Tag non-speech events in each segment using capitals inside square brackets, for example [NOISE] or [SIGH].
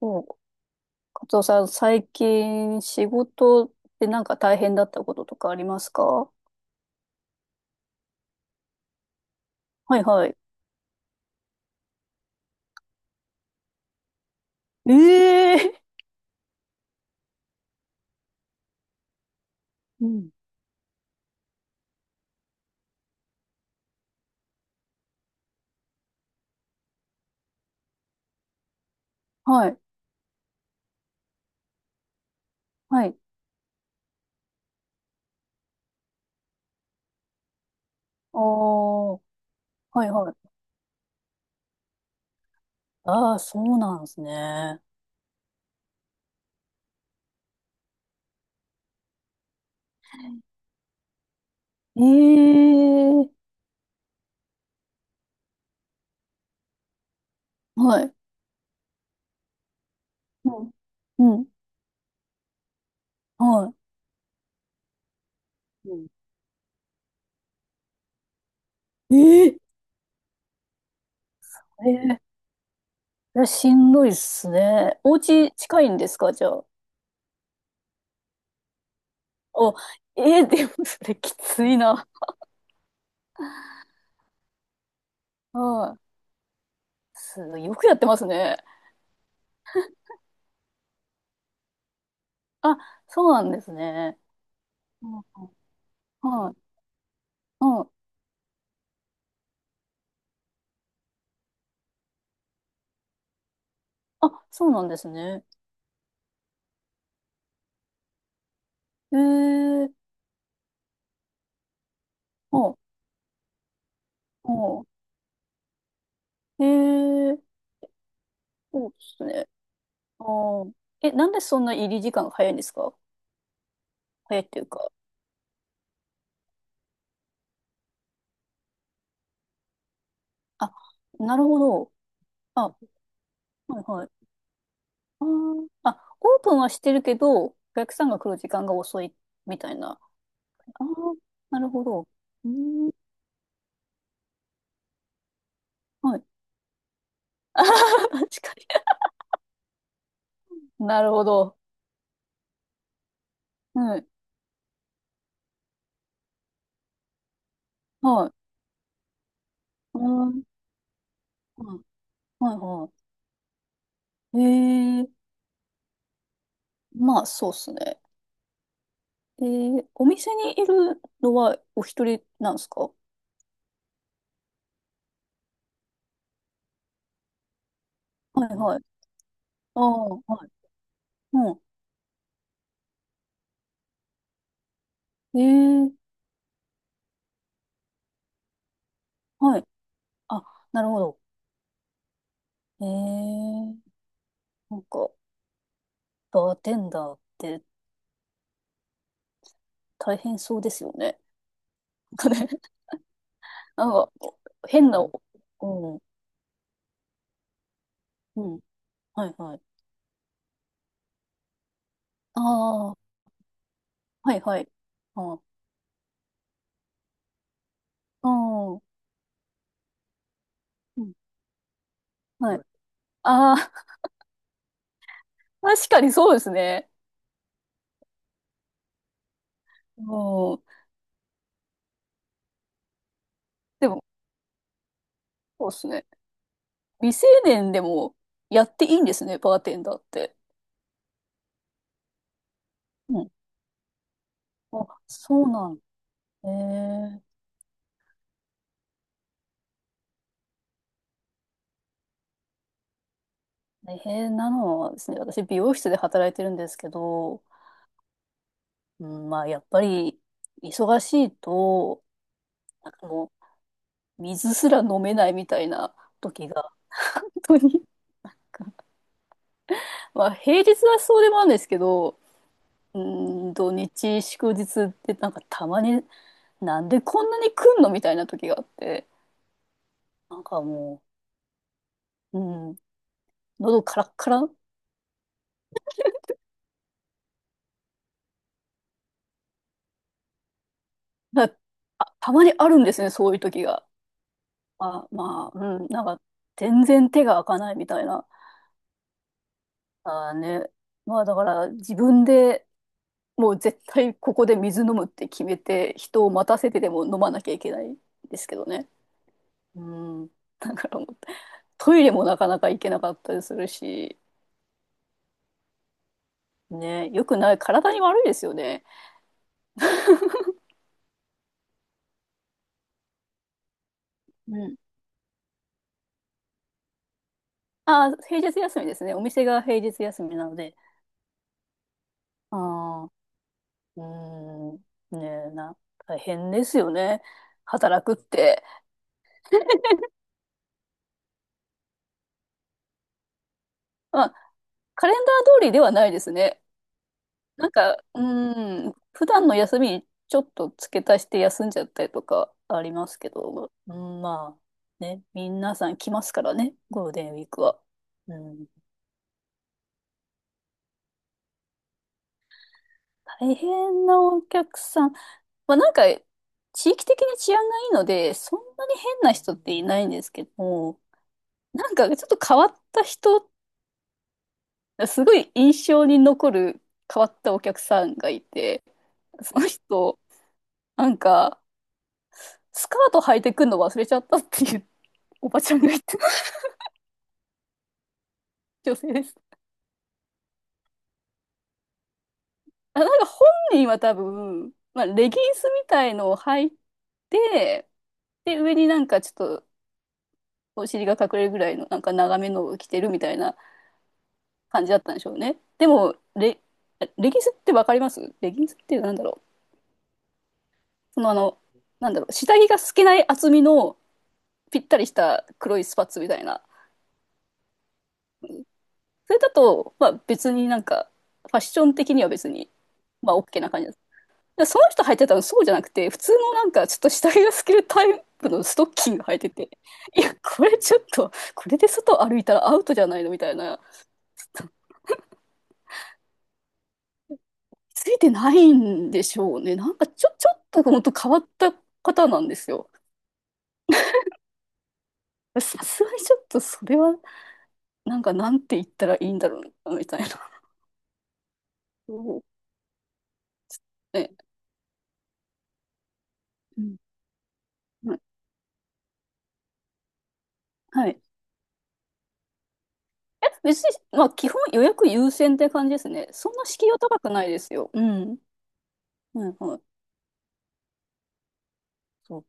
そう、カツオさん、最近仕事でなんか大変だったこととかありますか？はいはい。ええ、うん。はい。はい。ああ、はいはい。ああ、そうなんですね。ええ、はい。うん。うん。はい。うん、ええええ、いや、しんどいっすね。お家近いんですかじゃあ？お、ええ、でもそれきついな。はい。すごいよくやってますね。あ、そうなんですね。はい。うん。あ、そうなんですね。ええー。お、ええー。そうですね。う、え、なんでそんな入り時間が早いんですか？早いっていうか。あ、なるほど。あ、はいはい。あー、あ、オープンはしてるけど、お客さんが来る時間が遅いみたいな。あー、なるほど。うーん。はい。あー、[LAUGHS] 確かに。[LAUGHS] なるほど。はい。はい。うん。はいはいはい。ええー。まあ、そうっすね。お店にいるのはお一人なんですか？はいはい。ああ、はい。うん。ー、はい。あ、なるほど。えー、なんか、バーテンダーって大変そうですよね。[LAUGHS] なんかね、なんか、変な、うん、うん、はいはい。ああ、はいはい。ああ、ああ、うん、はい。ああ、確かにそうですね。うん。でも、そうですね。未成年でもやっていいんですね、バーテンダーって。うん。あ、そうなん。えー、大変なのはですね、私、美容室で働いてるんですけど、うん、まあ、やっぱり、忙しいと、なんかもう、水すら飲めないみたいな時が、[LAUGHS] 本当に、まあ、平日はそうでもあるんですけど、うーん、土日、祝日ってなんかたまに、なんでこんなに来んのみたいな時があって、なんかもう、うん、喉カラッカラ、なあたまにあるんですね、そういう時が。あ、まあ、うん、なんか、全然手が開かないみたいな。あーね。まあ、だから、自分でもう絶対ここで水飲むって決めて、人を待たせてでも飲まなきゃいけないんですけどね。うん。だからもう、トイレもなかなか行けなかったりするし、ね、よくない、体に悪いですよね。うん。あー、平日休みですね。お店が平日休みなので。ああ、うん、ねえな、大変ですよね。働くって。[LAUGHS] まあ、カレンダー通りではないですね。なんか、うん、普段の休みにちょっと付け足して休んじゃったりとかありますけど、うん、まあ、ね、皆さん来ますからね、ゴールデンウィークは。うん、大変なお客さん。まあなんか、地域的に治安がいいので、そんなに変な人っていないんですけども、なんかちょっと変わった人、すごい印象に残る変わったお客さんがいて、その人、なんか、スカート履いてくるの忘れちゃったっていうおばちゃんが言ってた女性です。あ、なんか本人は多分、まあ、レギンスみたいのを履いて、で、上になんかちょっとお尻が隠れるぐらいのなんか長めのを着てるみたいな感じだったんでしょうね。でも、レギンスってわかります？レギンスっていうのはなんだろう。そのあの、なんだろう、下着が透けない厚みのぴったりした黒いスパッツみたいな。それだと、まあ別になんか、ファッション的には別に、まあ OK な感じです。でその人履いてたのそうじゃなくて、普通のなんかちょっと下着が透けるタイプのストッキング履いてて、いや、これちょっと、これで外歩いたらアウトじゃないのみたいな、ついてないんでしょうね。なんかちょっと本当変わった方なんですよ。さすがにちょっとそれは、なんかなんて言ったらいいんだろうなみたいな。そうね、うんうん、はい。え、別に、まあ基本予約優先って感じですね。そんな敷居は高くないですよ。うん。はいはい。そう。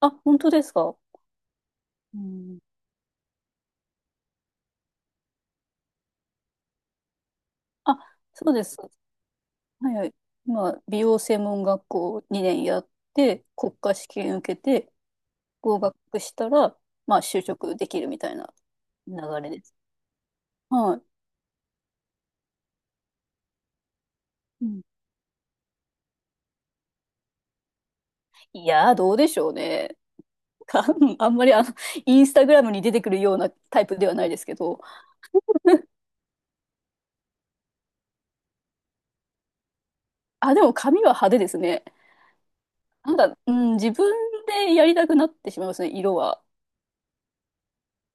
あ、本当ですか？うん、あ、そうです。はいはい。今、美容専門学校2年やって、国家試験受けて、合格したら、まあ、就職できるみたいな流れです。はい。うん、いやー、どうでしょうね。か [LAUGHS] あんまりインスタグラムに出てくるようなタイプではないですけど、あ、でも髪は派手ですね。なんか、うん、自分でやりたくなってしまいますね、色は。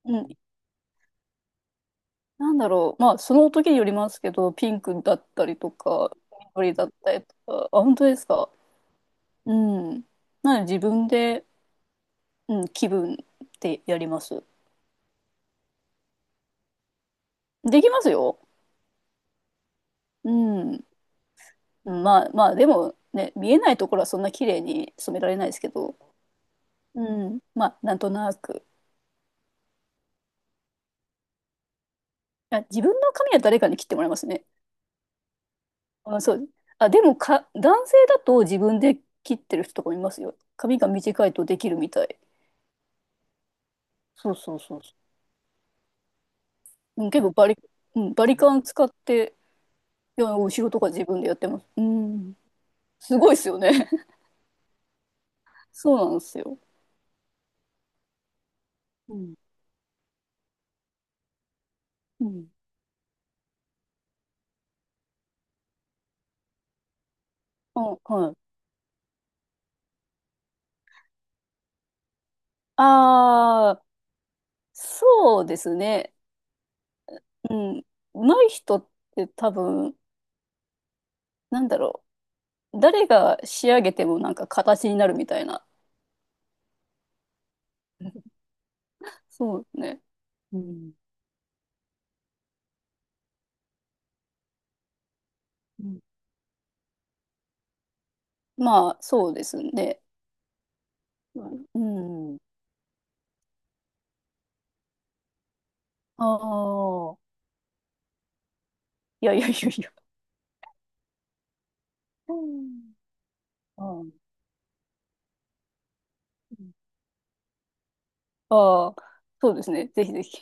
うん、なんだろう。まあ、その時によりますけど、ピンクだったりとか、緑だったりとか。あ、本当ですか。うん。なので自分で、うん、気分でやります。できますよ。うん。まあまあ、でもね、見えないところはそんな綺麗に染められないですけど、うん。まあ、なんとなく。あ、自分の髪は誰かに切ってもらいますね。あ、そう。あ、でもか、男性だと自分で切ってる人とかもいますよ。髪が短いとできるみたい。そうそうそうそう。うん、結構うん、バリカン使って、いや、後ろとか自分でやってます。うん。すごいですよね。[LAUGHS] そうなんですよ。うん。うん。あ、はい。ああ、そうですね。うん。上手い人って多分、なんだろう。誰が仕上げてもなんか形になるみたいな。[LAUGHS] そうですね。うん。うん、まあ、そうですね。うん。ああー、いやいやいやいや。うん。うん、ああ、そうですね。ぜひぜひ。